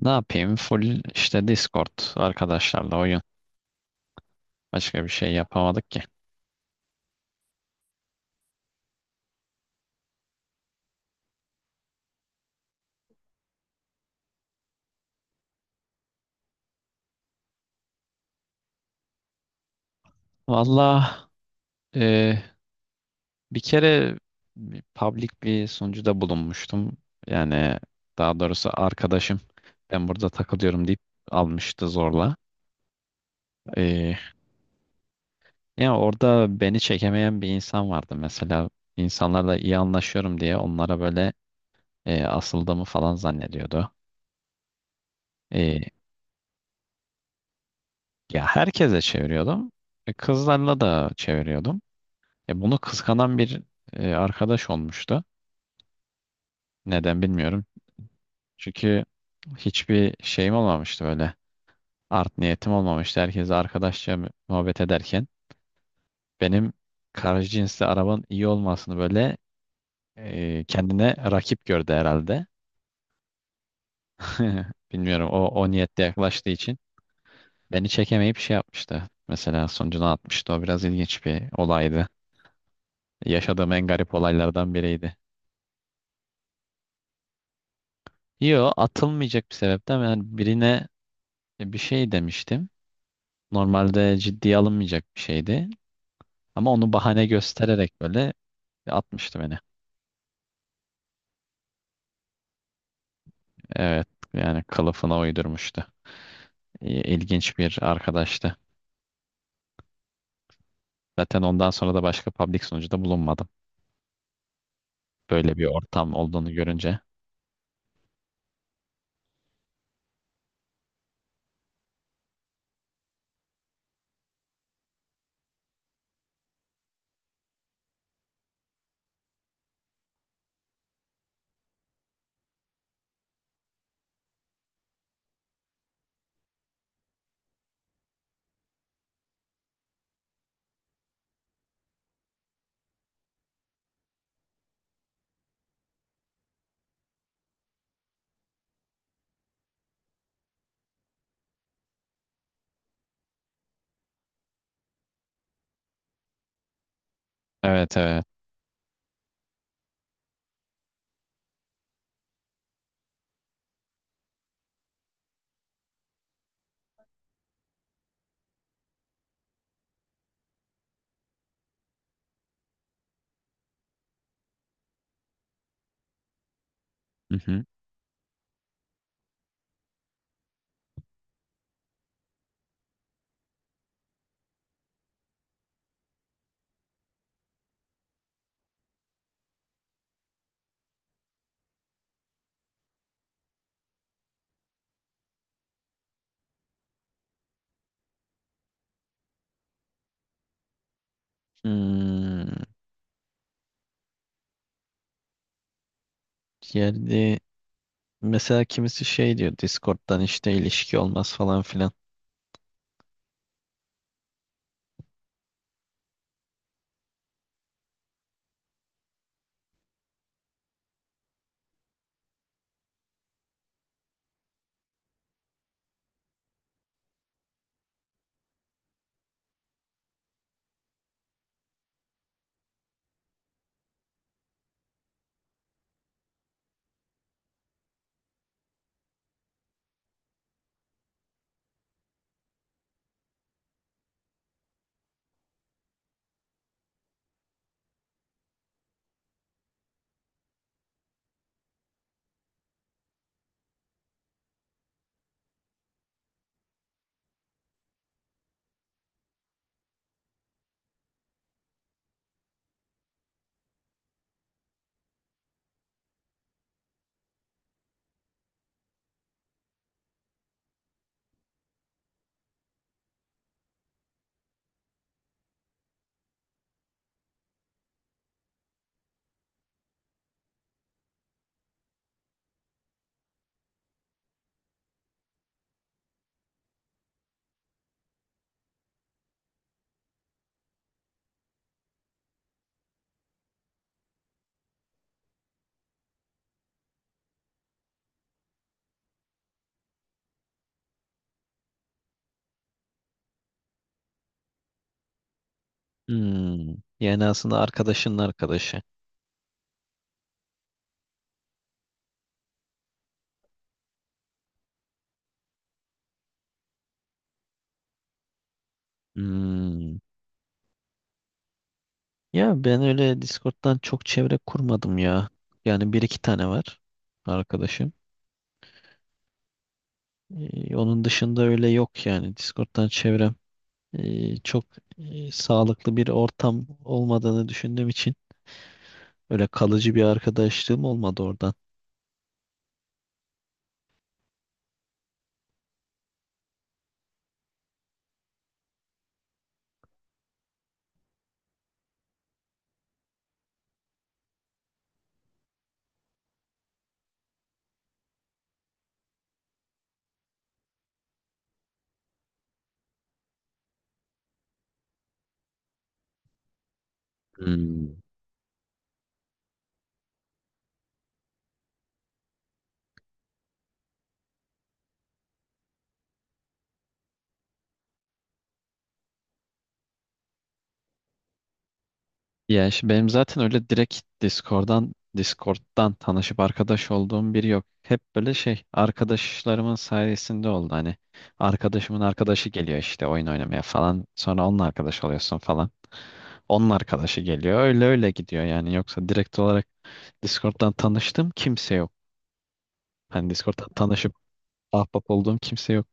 Ne yapayım? Full işte Discord arkadaşlarla oyun. Başka bir şey yapamadık ki. Valla e, bir kere bir public bir sunucuda bulunmuştum. Yani daha doğrusu arkadaşım ben burada takılıyorum deyip almıştı zorla. E, Yani orada beni çekemeyen bir insan vardı. Mesela insanlarla iyi anlaşıyorum diye onlara böyle asıldığımı falan zannediyordu. E, Ya herkese çeviriyordum. Kızlarla da çeviriyordum. Bunu kıskanan bir arkadaş olmuştu. Neden bilmiyorum. Çünkü hiçbir şeyim olmamıştı böyle. Art niyetim olmamıştı. Herkese arkadaşça muhabbet ederken benim karşı cinsli arabanın iyi olmasını böyle kendine rakip gördü herhalde. Bilmiyorum o niyetle yaklaştığı için beni çekemeyip şey yapmıştı. Mesela sonucunu atmıştı. O biraz ilginç bir olaydı. Yaşadığım en garip olaylardan biriydi. Yo atılmayacak bir sebepten ben birine bir şey demiştim. Normalde ciddiye alınmayacak bir şeydi. Ama onu bahane göstererek böyle atmıştı beni. Evet, yani kılıfına uydurmuştu. İlginç bir arkadaştı. Zaten ondan sonra da başka public sunucuda bulunmadım. Böyle bir ortam olduğunu görünce. Evet, evet. Hı hı. Hmm, geldi. Mesela kimisi şey diyor Discord'dan işte ilişki olmaz falan filan. Hmm, yani aslında arkadaşının arkadaşı. Hmm. Ya ben öyle Discord'dan çok çevre kurmadım ya. Yani bir iki tane var arkadaşım. Onun dışında öyle yok yani. Discord'dan çevrem çok sağlıklı bir ortam olmadığını düşündüğüm için öyle kalıcı bir arkadaşlığım olmadı oradan. Hmm. Ya işte benim zaten öyle direkt Discord'dan tanışıp arkadaş olduğum biri yok. Hep böyle şey arkadaşlarımın sayesinde oldu hani. Arkadaşımın arkadaşı geliyor işte oyun oynamaya falan. Sonra onunla arkadaş oluyorsun falan. Onun arkadaşı geliyor. Öyle öyle gidiyor yani. Yoksa direkt olarak Discord'dan tanıştığım kimse yok. Hani Discord'dan tanışıp ahbap olduğum kimse yok.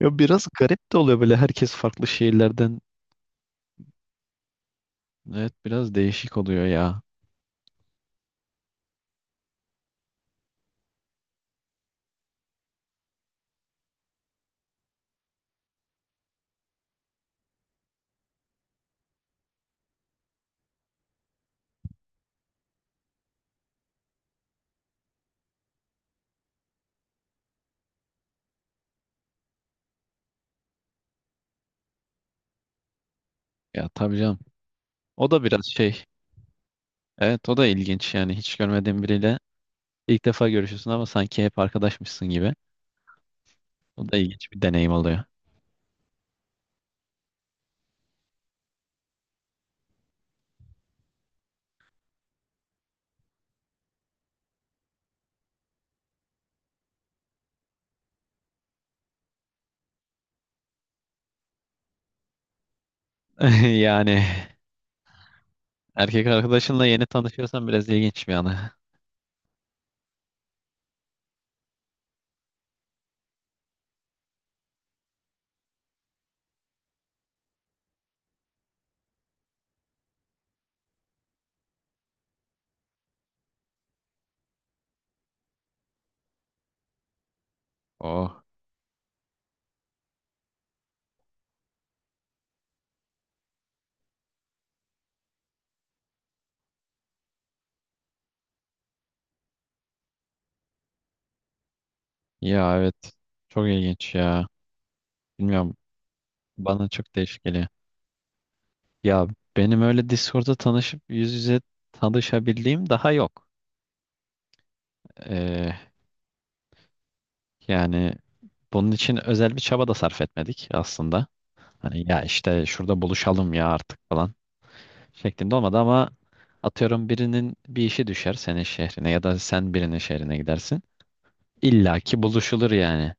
Ya biraz garip de oluyor böyle herkes farklı şehirlerden. Evet, biraz değişik oluyor ya. Ya tabii canım. O da biraz şey. Evet, o da ilginç yani hiç görmediğin biriyle ilk defa görüşüyorsun ama sanki hep arkadaşmışsın gibi. O da ilginç bir deneyim oluyor. Yani erkek arkadaşınla yeni tanışıyorsan biraz ilginç bir anı. Oh ya, evet, çok ilginç ya. Bilmiyorum, bana çok değişik geliyor. Ya benim öyle Discord'da tanışıp yüz yüze tanışabildiğim daha yok. Ee, Yani bunun için özel bir çaba da sarf etmedik aslında. Hani ya işte şurada buluşalım ya artık falan şeklinde olmadı ama atıyorum birinin bir işi düşer senin şehrine ya da sen birinin şehrine gidersin. İlla ki buluşulur yani.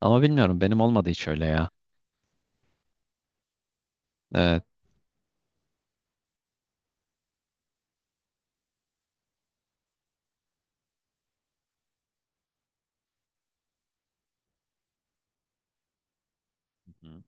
Ama bilmiyorum benim olmadı hiç öyle ya. Evet. Hı hı.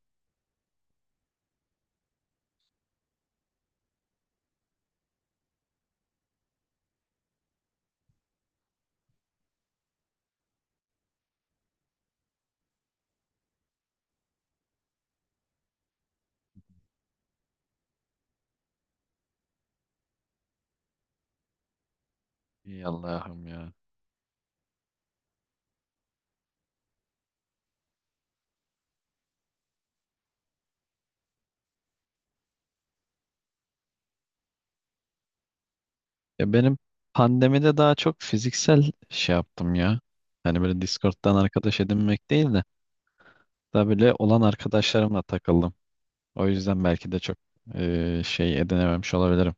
Allah'ım ya. Ya benim pandemide daha çok fiziksel şey yaptım ya. Hani böyle Discord'dan arkadaş edinmek değil de daha böyle olan arkadaşlarımla takıldım. O yüzden belki de çok şey edinememiş olabilirim.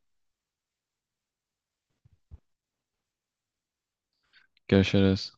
Görüşürüz.